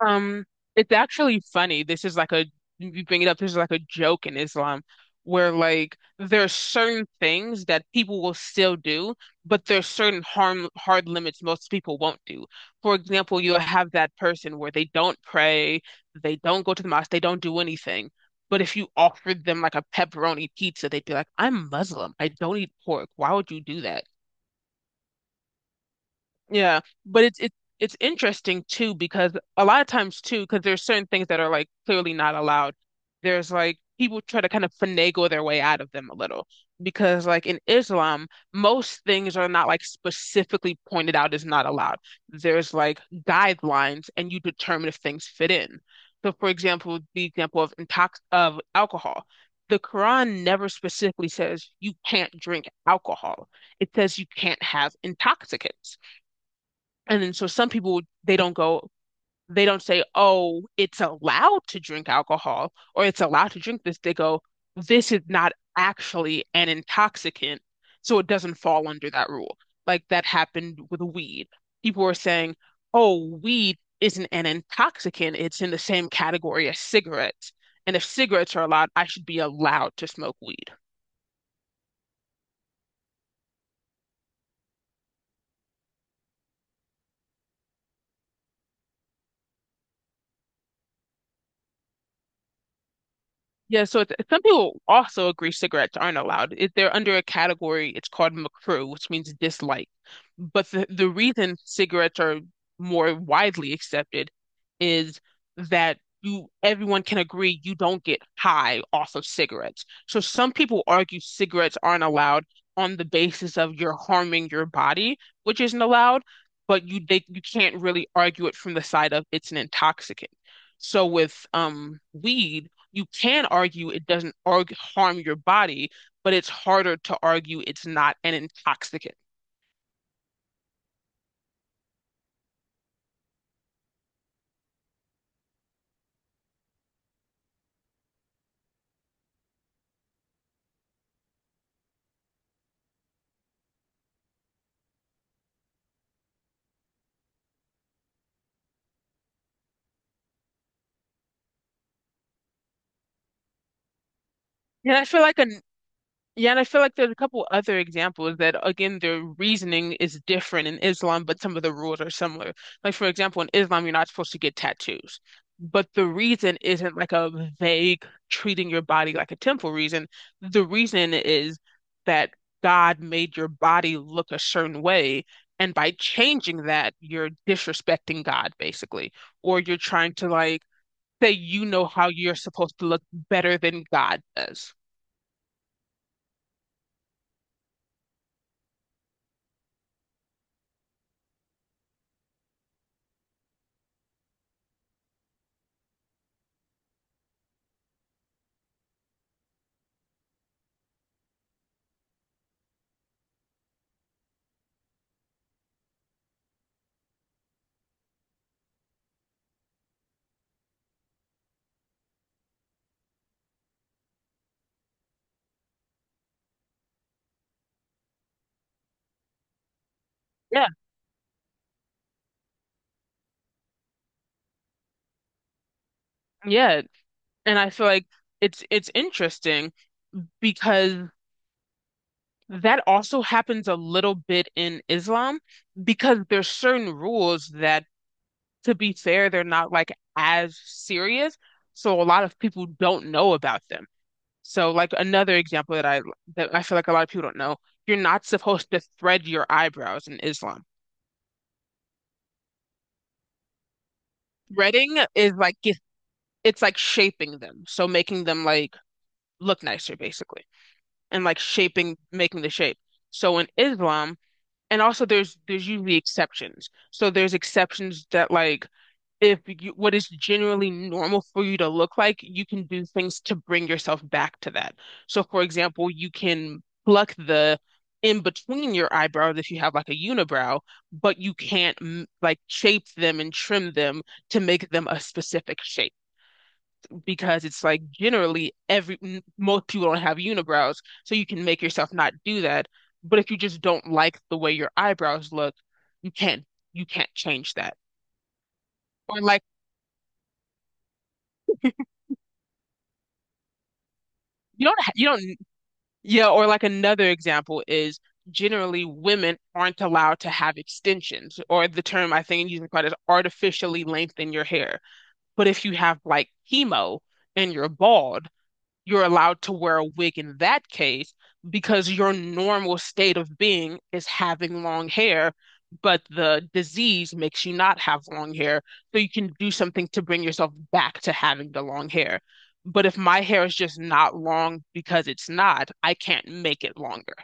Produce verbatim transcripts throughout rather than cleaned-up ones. Um, it's actually funny. This is like a You bring it up. This is like a joke in Islam, where like there are certain things that people will still do, but there's certain harm hard limits most people won't do. For example, you'll have that person where they don't pray, they don't go to the mosque, they don't do anything. But if you offered them like a pepperoni pizza, they'd be like, "I'm Muslim. I don't eat pork. Why would you do that?" Yeah, but it's it's it's interesting too because a lot of times too because there's certain things that are like clearly not allowed. There's like people try to kind of finagle their way out of them a little because like in Islam, most things are not like specifically pointed out as not allowed. There's like guidelines and you determine if things fit in. So for example, the example of intox of alcohol. The Quran never specifically says you can't drink alcohol. It says you can't have intoxicants. And then so some people they don't go they don't say, "Oh, it's allowed to drink alcohol or it's allowed to drink this." They go, "This is not actually an intoxicant, so it doesn't fall under that rule." Like that happened with weed. People were saying, "Oh, weed isn't an intoxicant. It's in the same category as cigarettes. And if cigarettes are allowed, I should be allowed to smoke weed." Yeah, so it's, some people also agree cigarettes aren't allowed. If they're under a category, it's called McCrew, which means dislike. But the, the reason cigarettes are more widely accepted is that you everyone can agree you don't get high off of cigarettes. So some people argue cigarettes aren't allowed on the basis of you're harming your body, which isn't allowed, but you they, you can't really argue it from the side of it's an intoxicant. So with um weed you can argue it doesn't arg harm your body, but it's harder to argue it's not an intoxicant. And I feel like a Yeah, and I feel like there's a couple other examples that, again, their reasoning is different in Islam, but some of the rules are similar. Like, for example, in Islam, you're not supposed to get tattoos, but the reason isn't like a vague treating your body like a temple reason. The reason is that God made your body look a certain way, and by changing that, you're disrespecting God, basically, or you're trying to like say you know how you're supposed to look better than God does. Yeah, yeah. And I feel like it's it's interesting because that also happens a little bit in Islam because there's certain rules that, to be fair, they're not like as serious. So a lot of people don't know about them. So like another example that I that I feel like a lot of people don't know, you're not supposed to thread your eyebrows in Islam. Threading is like it- it's like shaping them, so making them like look nicer basically, and like shaping, making the shape. So in Islam and also there's there's usually exceptions. So there's exceptions that like if you what is generally normal for you to look like, you can do things to bring yourself back to that. So for example, you can pluck the in between your eyebrows if you have like a unibrow, but you can't m- like shape them and trim them to make them a specific shape because it's like generally every m- most people don't have unibrows, so you can make yourself not do that. But if you just don't like the way your eyebrows look, you can't you can't change that. Or like you don't ha- you don't Yeah. Or like another example is generally women aren't allowed to have extensions, or the term I think using quite is artificially lengthen your hair. But if you have like chemo and you're bald you're allowed to wear a wig in that case because your normal state of being is having long hair, but the disease makes you not have long hair. So you can do something to bring yourself back to having the long hair. But if my hair is just not long because it's not, I can't make it longer.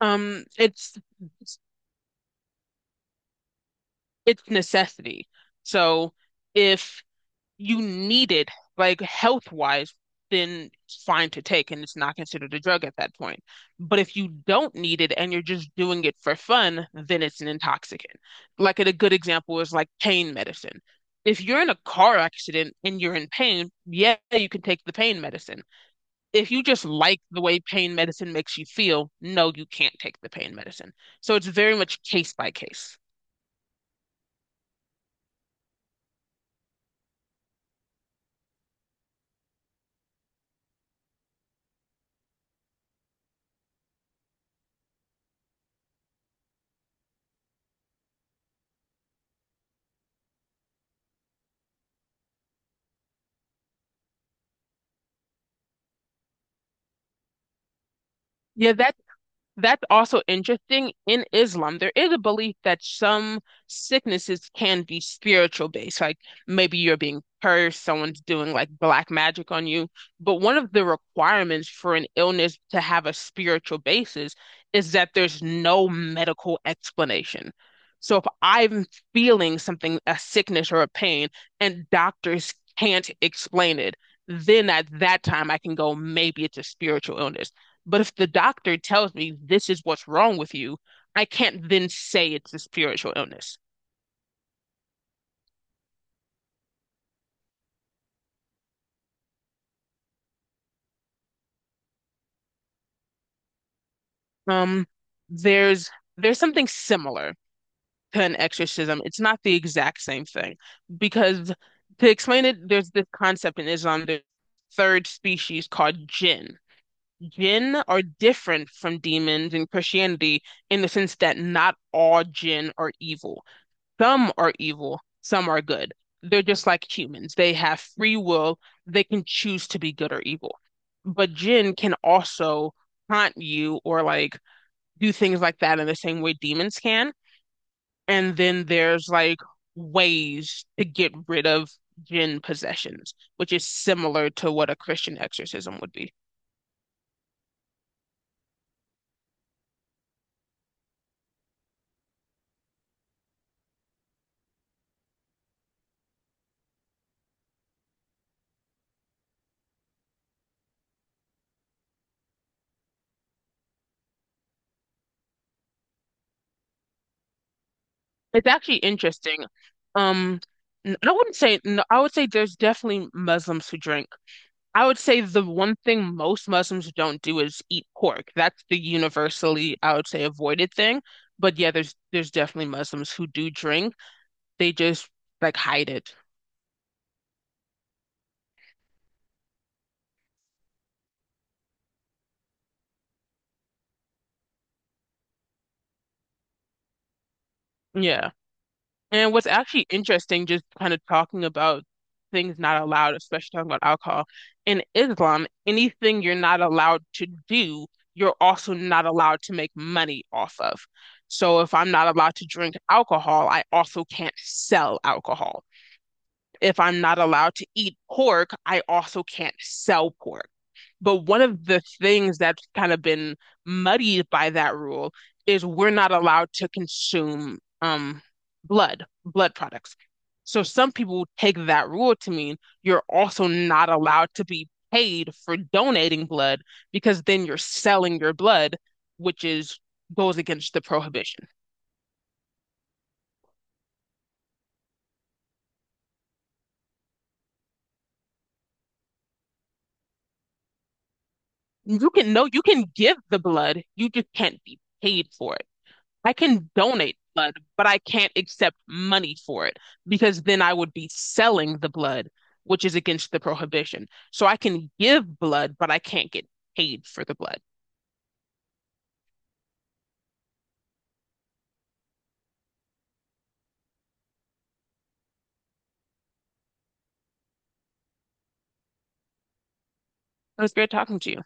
Um, it's it's necessity. So if you need it, like health wise, then it's fine to take and it's not considered a drug at that point. But if you don't need it and you're just doing it for fun, then it's an intoxicant. Like a good example is like pain medicine. If you're in a car accident and you're in pain, yeah, you can take the pain medicine. If you just like the way pain medicine makes you feel, no, you can't take the pain medicine. So it's very much case by case. Yeah, that That's also interesting. In Islam, there is a belief that some sicknesses can be spiritual based, like maybe you're being cursed, someone's doing like black magic on you. But one of the requirements for an illness to have a spiritual basis is that there's no medical explanation. So if I'm feeling something, a sickness or a pain, and doctors can't explain it, then at that time I can go, maybe it's a spiritual illness. But if the doctor tells me this is what's wrong with you, I can't then say it's a spiritual illness. Um, there's there's something similar to an exorcism. It's not the exact same thing because to explain it, there's this concept in Islam, the third species called jinn. Jinn are different from demons in Christianity in the sense that not all jinn are evil. Some are evil, some are good. They're just like humans. They have free will. They can choose to be good or evil. But Jinn can also haunt you or like do things like that in the same way demons can. And then there's like ways to get rid of Jinn possessions, which is similar to what a Christian exorcism would be. It's actually interesting. Um, n- I wouldn't say, no, I would say there's definitely Muslims who drink I would say the one thing most Muslims don't do is eat pork. That's the universally, I would say, avoided thing. But yeah, there's there's definitely Muslims who do drink. They just like hide it. Yeah. And what's actually interesting, just kind of talking about things not allowed, especially talking about alcohol, in Islam, anything you're not allowed to do, you're also not allowed to make money off of. So if I'm not allowed to drink alcohol, I also can't sell alcohol. If I'm not allowed to eat pork, I also can't sell pork. But one of the things that's kind of been muddied by that rule is we're not allowed to consume um, blood, blood products. So some people take that rule to mean you're also not allowed to be paid for donating blood because then you're selling your blood, which is goes against the prohibition. You can no, you can give the blood, you just can't be paid for it. I can donate blood, but I can't accept money for it because then I would be selling the blood, which is against the prohibition. So I can give blood, but I can't get paid for the blood. It was great talking to you.